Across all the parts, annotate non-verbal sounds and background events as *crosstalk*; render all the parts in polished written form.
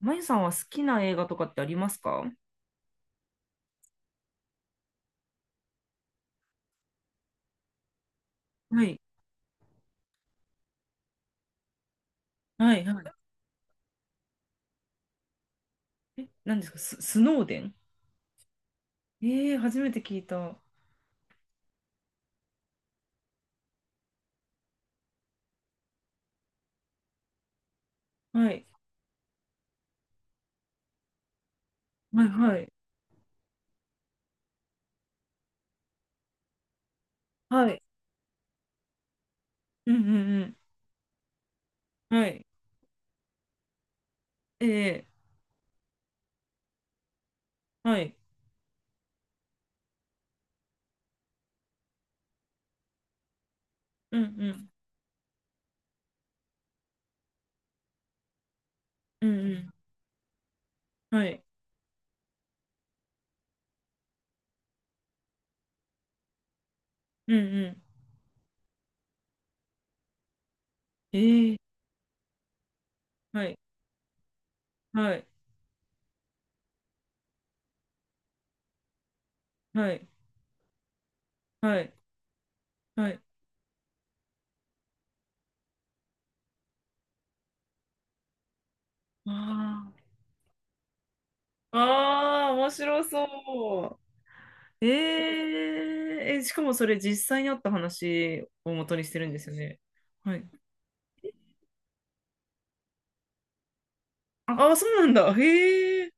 まゆさんは好きな映画とかってありますか？はい、はい、はい。え、何ですか、スノーデン？ええー、初めて聞いた。はい。はい、はい、はい、うんうんうん。はい。ええー、はい。うんうん。うんうん。はい。うんうん。ええー、はい。はい。はい。はい。はい。ああ。ああ、面白そう。ええー、え、しかもそれ実際にあった話を元にしてるんですよね。はい。ああ、そうなんだ。へえ。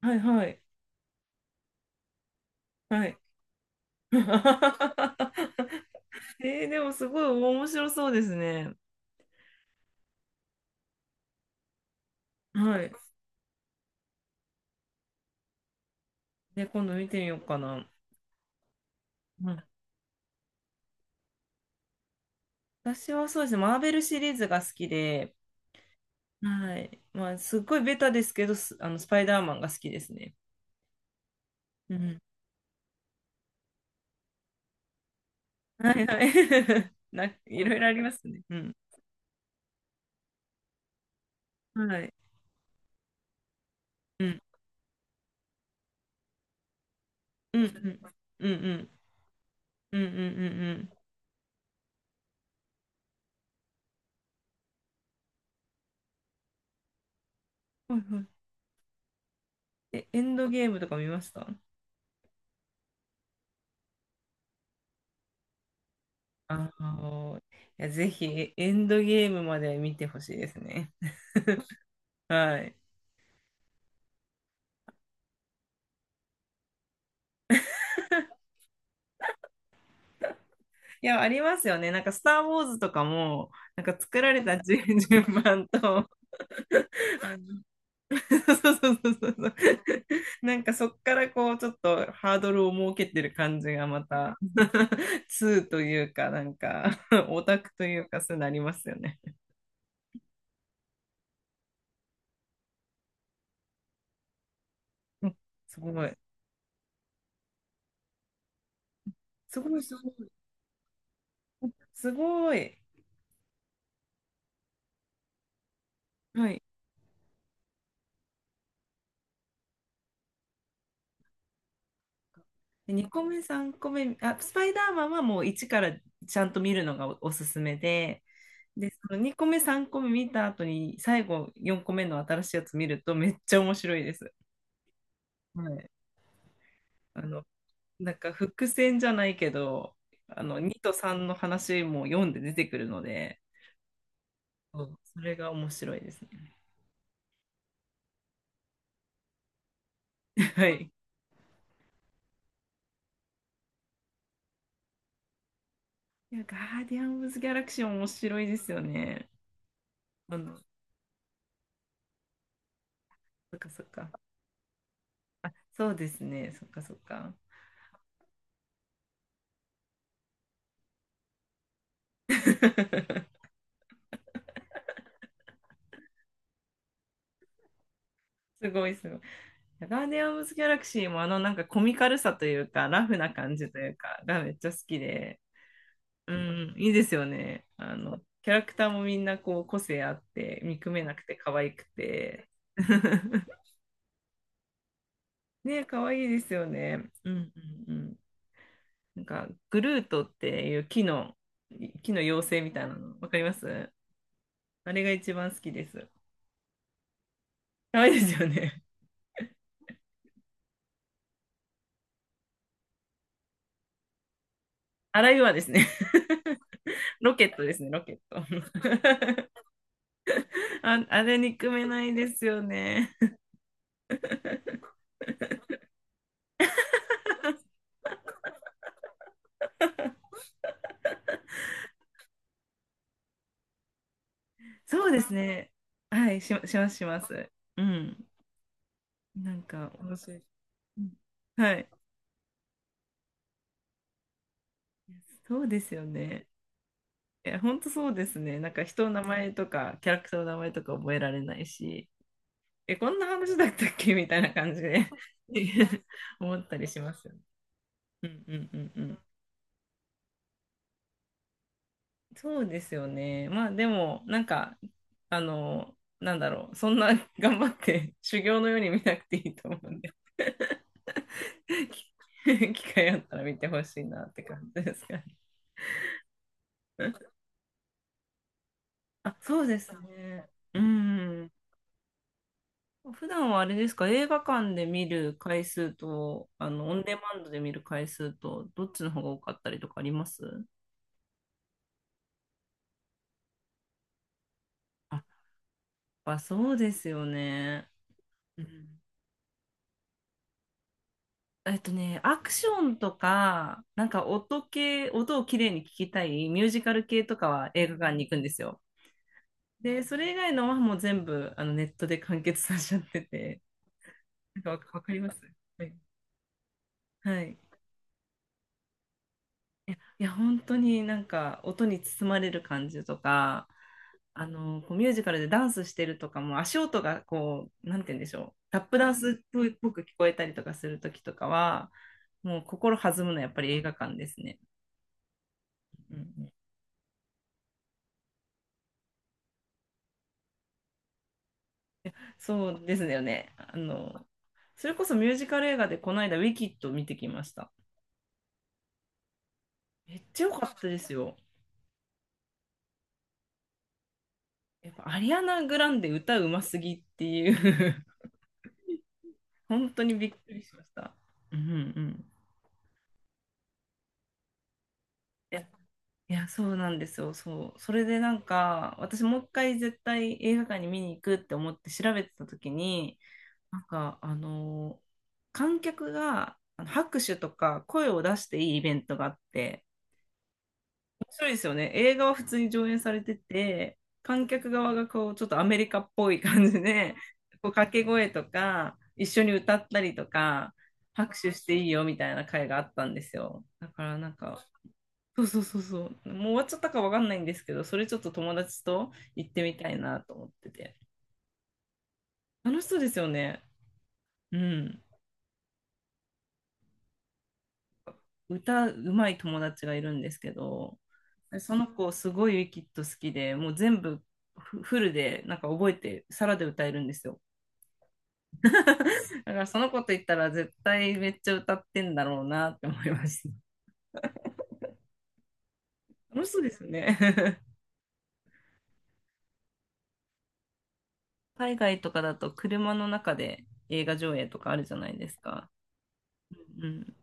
はいはいはい。*laughs* でもすごい面白そうですね。はい。で、今度見てみようかな。うん、私はそうですね、マーベルシリーズが好きで、はい。まあ、すっごいベタですけど、あのスパイダーマンが好きですね。うん。*laughs* はいはい。*laughs* いろいろありますね。うん。はい。うん。うんうん。うんうん。うんうんうんうん。はいはい。え、エンドゲームとか見ました？あのいや、ぜひ、エンドゲームまで見てほしいですね。はい。いや、ありますよね。なんか、スター・ウォーズとかも、なんか作られた順番と、あの *laughs* そうそうそうそうそう。なんか、そっからこう、ちょっとハードルを設けてる感じがまた、*laughs* 2というか、なんか、オタクというか、そうなりますよね。うん。すごい。すごい、すごい。すごい。はい。2個目、3個目、あ、スパイダーマンはもう1からちゃんと見るのが、おすすめで、で、その2個目、3個目見た後に、最後4個目の新しいやつ見るとめっちゃ面白いです。はい。あの、なんか伏線じゃないけど、2と3の話も読んで出てくるので、そう、それが面白いですね。*laughs* はい。いや、ガーディアンズ・ギャラクシー面白いですよね。そっかそっか。そうですね。そっかそっか。*laughs* すごいすごい。ガーディアン・ズギャラクシーもなんかコミカルさというか、ラフな感じというか、がめっちゃ好きで、うん、いいですよね。キャラクターもみんなこう個性あって、見くめなくて可愛くて。*laughs* ねえ、可愛いですよね。うんうんうん。なんか、グルートっていう木の妖精みたいなの、わかります？あれが一番好きです。可愛いですよね。あらゆはですね、*laughs* ロケットですね、ロケット。*laughs* あ、あれ憎めないですよね。そうですね。はい、します、します。うん。なんか面白い。うん。はい、そうですよね。いや、本当そうですね。なんか人の名前とか、キャラクターの名前とか覚えられないし、え、こんな話だったっけみたいな感じで *laughs* 思ったりしますよね。うんうんうんうん。そうですよね。まあでも、なんか、なんだろう、そんな頑張って修行のように見なくていいと思うんで、*laughs* 機会あったら見てほしいなって感じですかね？あ、そうですね。うん。普段はあれですか、映画館で見る回数と、オンデマンドで見る回数と、どっちの方が多かったりとかあります？あ、やっぱそうですよね。うん。ね、アクションとか、なんか音系、音をきれいに聞きたいミュージカル系とかは映画館に行くんですよ。で、それ以外のはもう全部ネットで完結させちゃってて、なんかわかります？はい。はい。いや、本当になんか音に包まれる感じとか、こうミュージカルでダンスしてるとかも足音がこう、なんて言うんでしょう、タップダンスっぽく聞こえたりとかするときとかは、もう心弾むのはやっぱり映画館ですね。うんうん。そうですよね。それこそミュージカル映画でこの間ウィキッド見てきました。めっちゃ良かったですよ。やっぱアリアナ・グランデ歌うますぎっていう *laughs* 本当にびっくりしました。うんうん。いや、そうなんですよ。そう。それでなんか、私もう一回絶対映画館に見に行くって思って調べてた時に、なんか、観客があの拍手とか声を出していいイベントがあって、面白いですよね。映画は普通に上映されてて、観客側がこう、ちょっとアメリカっぽい感じで、*laughs* こう掛け声とか、一緒に歌ったりとか、拍手していいよみたいな会があったんですよ。だからなんか、そうそうそうそう。もう終わっちゃったかわかんないんですけど、それちょっと友達と行ってみたいなと思ってて。楽しそうですよね。うん。歌うまい友達がいるんですけど、その子すごいウィキッド好きで、もう全部フルでなんか覚えて、サラで歌えるんですよ。だからその子と行ったら絶対めっちゃ歌ってんだろうなって思いました。楽しそうですよね。*laughs* 海外とかだと車の中で映画上映とかあるじゃないですか。うん。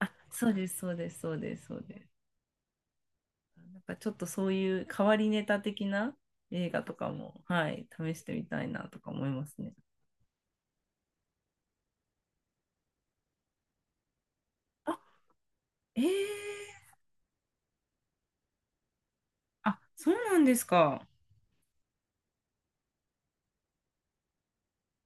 あ、そうです、そうです、そうです、そうです。なんかちょっとそういう変わりネタ的な映画とかも、はい、試してみたいなとか思いますね。あ、えー、あ、そうなんですか。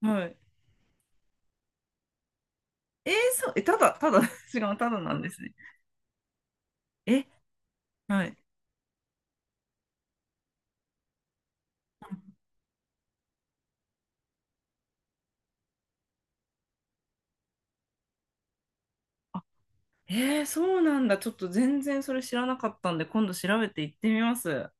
はい。えー、そう、え、ただ、ただ、*laughs* 違う、ただなんですね。え、はい。あ、えー、そうなんだ。ちょっと全然それ知らなかったんで、今度調べて行ってみます。